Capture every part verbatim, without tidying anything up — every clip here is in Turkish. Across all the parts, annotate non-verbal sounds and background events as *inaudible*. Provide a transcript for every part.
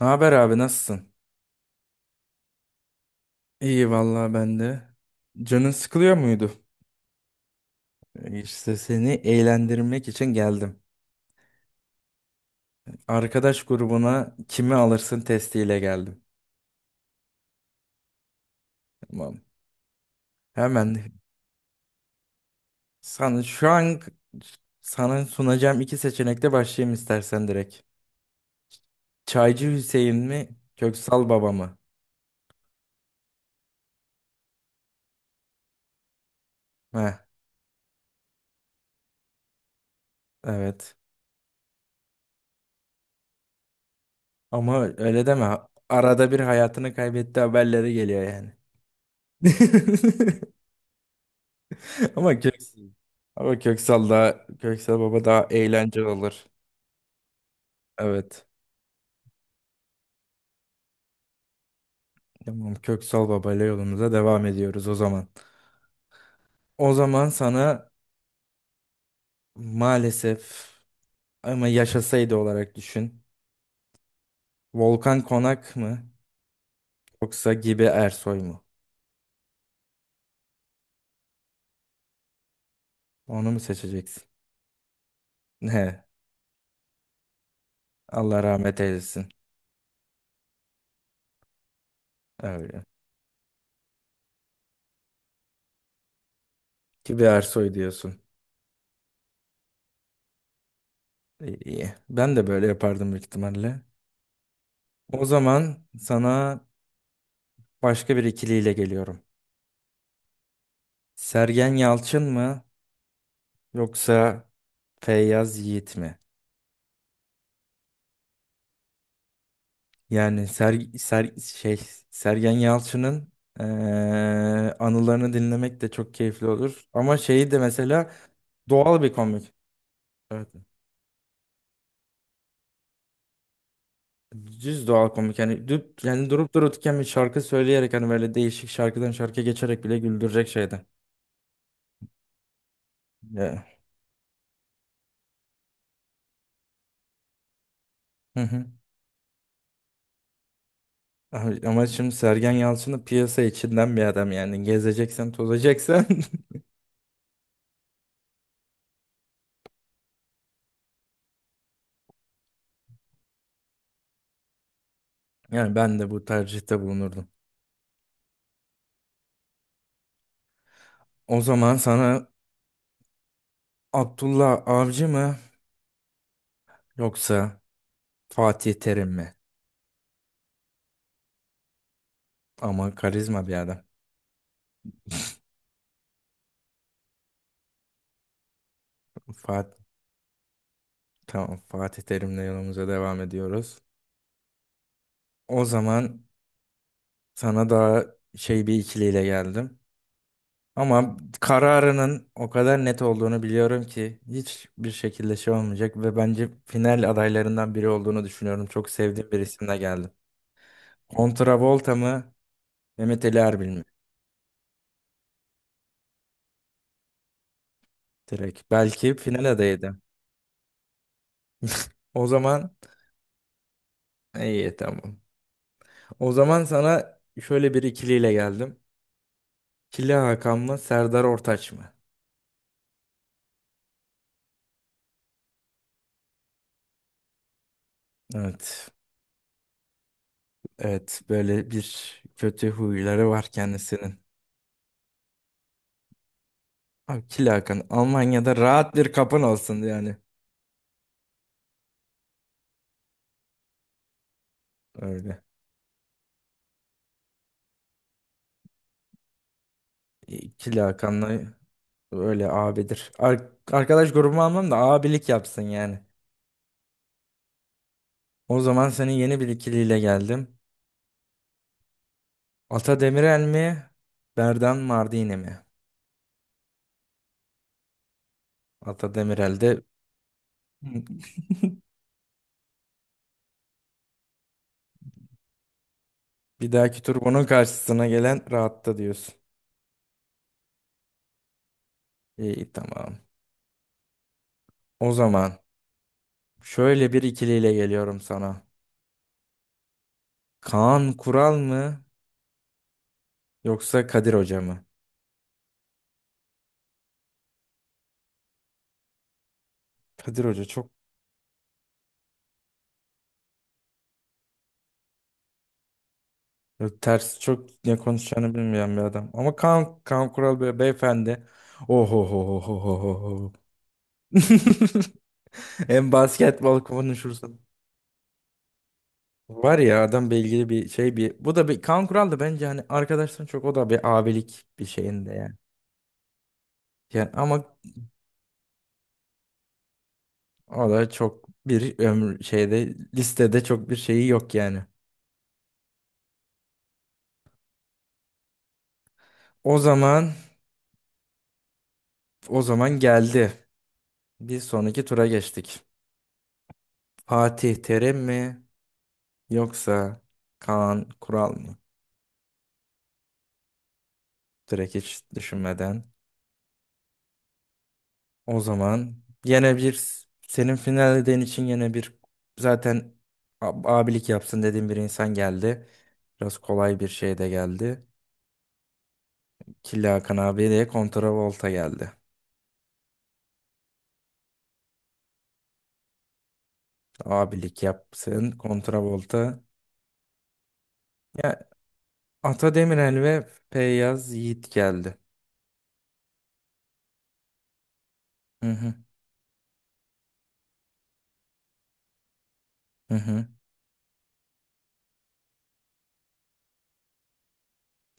Ne haber abi, nasılsın? İyi vallahi, ben de. Canın sıkılıyor muydu? İşte seni eğlendirmek için geldim. Arkadaş grubuna kimi alırsın testiyle geldim. Tamam. Hemen sana şu an sana sunacağım iki seçenekle başlayayım istersen direkt. Çaycı Hüseyin mi, Köksal Baba mı? Heh, evet. Ama öyle deme. Arada bir hayatını kaybetti haberleri geliyor yani. *laughs* Ama Köksal, ama Köksal da Köksal Baba daha eğlenceli olur. Evet. Tamam, Köksal Baba ile yolumuza devam ediyoruz o zaman. O zaman sana maalesef ama yaşasaydı olarak düşün. Volkan Konak mı, yoksa Gibi Ersoy mu? Onu mu seçeceksin? He, Allah rahmet eylesin. Öyle. Gibi Ersoy diyorsun. İyi, iyi. Ben de böyle yapardım büyük ihtimalle. O zaman sana başka bir ikiliyle geliyorum. Sergen Yalçın mı, yoksa Feyyaz Yiğit mi? Yani ser, ser, şey Sergen Yalçın'ın eee, anılarını dinlemek de çok keyifli olur. Ama şeyi de mesela doğal bir komik. Evet. Düz doğal komik. Yani, düp, yani durup dururken bir şarkı söyleyerek hani böyle değişik şarkıdan şarkıya geçerek bile güldürecek şeydi. Ya. Hı hı. Abi, ama şimdi Sergen Yalçın'ı piyasa içinden bir adam yani, gezeceksen tozacaksan, *laughs* yani ben de bu tercihte bulunurdum. O zaman sana Abdullah Avcı mı, yoksa Fatih Terim mi? Ama karizma bir adam. Fatih, tamam, Fatih Terim'le yolumuza devam ediyoruz. O zaman sana daha şey bir ikiliyle geldim. Ama kararının o kadar net olduğunu biliyorum ki hiçbir şekilde şey olmayacak ve bence final adaylarından biri olduğunu düşünüyorum. Çok sevdiğim bir isimle geldim. Kontravolta mı? Mehmet Ali Erbil mi? Direkt. Belki final adayıydı. O zaman iyi, tamam. O zaman sana şöyle bir ikiliyle geldim. Kili Hakan mı, Serdar Ortaç mı? Evet. Evet, böyle bir kötü huyları var kendisinin. Abi, Kili Hakan Almanya'da rahat bir kapın olsun yani. Öyle. E, Kili Hakan'la öyle abidir. Ar- arkadaş grubumu almam da abilik yapsın yani. O zaman senin yeni bir ikiliyle geldim. Ata Demirel mi? Berdan Mardini mi? Ata Demirel de *laughs* *laughs* bir dahaki tur bunun karşısına gelen rahatta diyorsun. İyi, tamam. O zaman şöyle bir ikiliyle geliyorum sana. Kaan Kural mı, yoksa Kadir Hoca mı? Kadir Hoca çok çok ters, çok ne konuşacağını bilmeyen bir adam. Ama Kaan, Kaan Kural be, beyefendi. Oho. *laughs* Hem basketbol konuşursun. Var ya adam bilgili bir şey bir. Bu da bir Kaan Kural da bence hani arkadaşların çok, o da bir abilik bir şeyinde yani. Yani ama o da çok bir ömür şeyde listede çok bir şeyi yok yani. O zaman o zaman geldi. Bir sonraki tura geçtik. Fatih Terim mi, yoksa Kaan Kural mı? Direkt hiç düşünmeden. O zaman yine bir senin final dediğin için yine bir, zaten ab- abilik yapsın dediğim bir insan geldi. Biraz kolay bir şey de geldi. Killa Hakan abi de kontravolta geldi. Abilik yapsın kontravolta. Ata Demirel ve Feyyaz Yiğit geldi. Hı hı hı hı.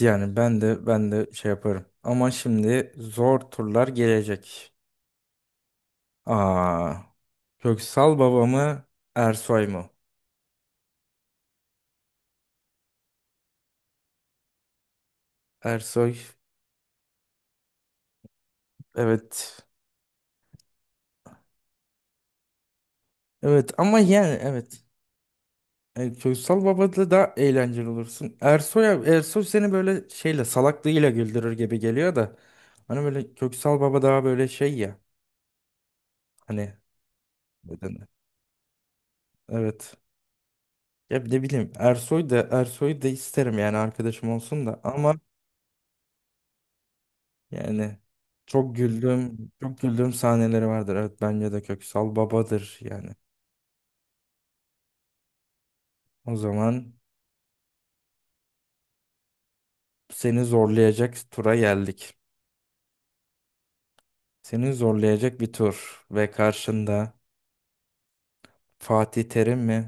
Yani ben de ben de şey yaparım. Ama şimdi zor turlar gelecek. Aa, Köksal Baba mı, Ersoy mu? Ersoy, evet. Evet ama yani evet. E, Köksal Baba'da da eğlenceli olursun. Ersoy Ersoy seni böyle şeyle salaklığıyla güldürür gibi geliyor da. Hani böyle Köksal Baba daha böyle şey ya. Hani neden? Evet. Ya ne bileyim, Ersoy da Ersoy da isterim yani arkadaşım olsun da, ama yani çok güldüğüm çok güldüğüm sahneleri vardır. Evet, bence de Köksal babadır yani. O zaman seni zorlayacak tura geldik. Seni zorlayacak bir tur ve karşında Fatih Terim mi,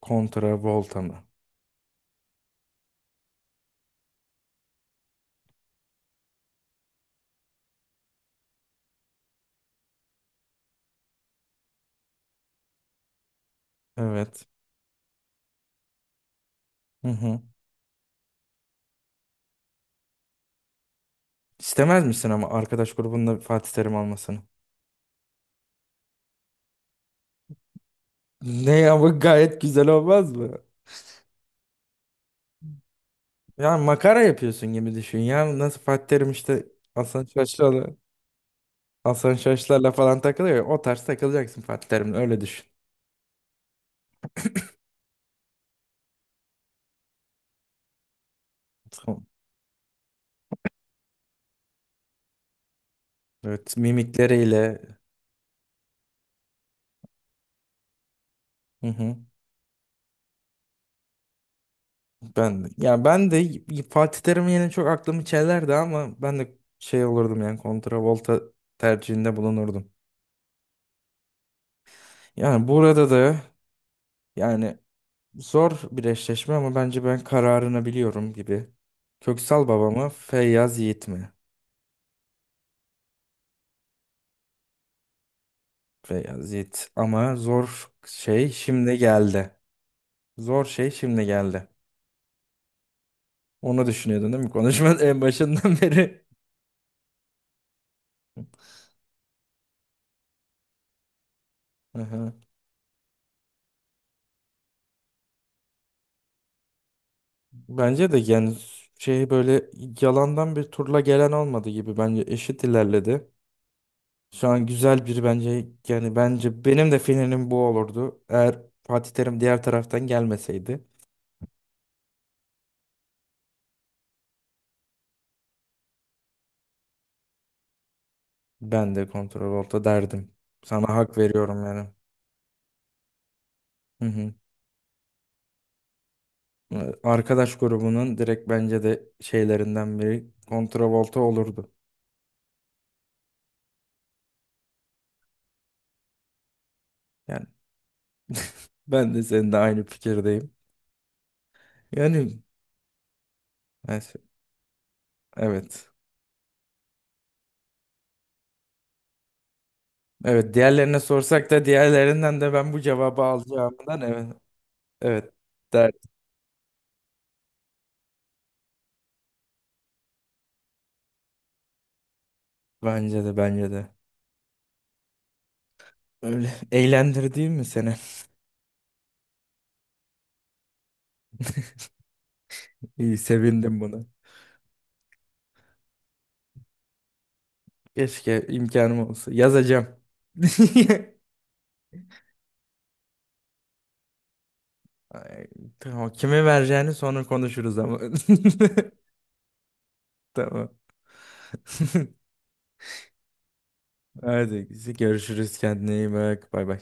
kontra Volta mı? Evet. Hı hı. İstemez misin ama arkadaş grubunda Fatih Terim almasını? Ne ama, gayet güzel olmaz mı? Ya makara yapıyorsun gibi düşün. Ya nasıl Fatih Terim işte Hasan Şaş'la, Hasan Şaş'larla falan takılıyor ya, o tarz takılacaksın Fatih Terim'le, öyle düşün. Tamam. Evet, mimikleriyle. Hı hı. Ben de, ya ben de y- Fatih Terim yine çok aklımı çelerdi, ama ben de şey olurdum yani kontravolta tercihinde bulunurdum. Yani burada da, yani zor bir eşleşme ama bence ben kararını biliyorum gibi. Köksal baba mı, Feyyaz Yiğit mi? Beyazıt ama zor şey şimdi geldi. Zor şey şimdi geldi. Onu düşünüyordun değil mi? Konuşmanın en başından *laughs* beri. Aha. Bence de yani şey böyle yalandan bir turla gelen olmadı gibi, bence eşit ilerledi. Şu an güzel bir, bence yani bence benim de finalim bu olurdu. Eğer Fatih Terim diğer taraftan gelmeseydi ben de kontrol olta derdim. Sana hak veriyorum yani. Hı hı. Ee, arkadaş grubunun direkt bence de şeylerinden biri Volta olurdu. Yani ben de seninle aynı fikirdeyim. Yani neyse, evet. Evet, diğerlerine sorsak da diğerlerinden de ben bu cevabı alacağımdan, evet. Evet der. Bence de bence de. Öyle. *laughs* eğlendir Eğlendirdi mi seni? *laughs* İyi, sevindim buna. Keşke imkanım olsa. Yazacağım. *laughs* Ay, tamam. Kime vereceğini sonra konuşuruz ama. *laughs* Tamam. *laughs* Hadi görüşürüz, kendine iyi bak, bay bay.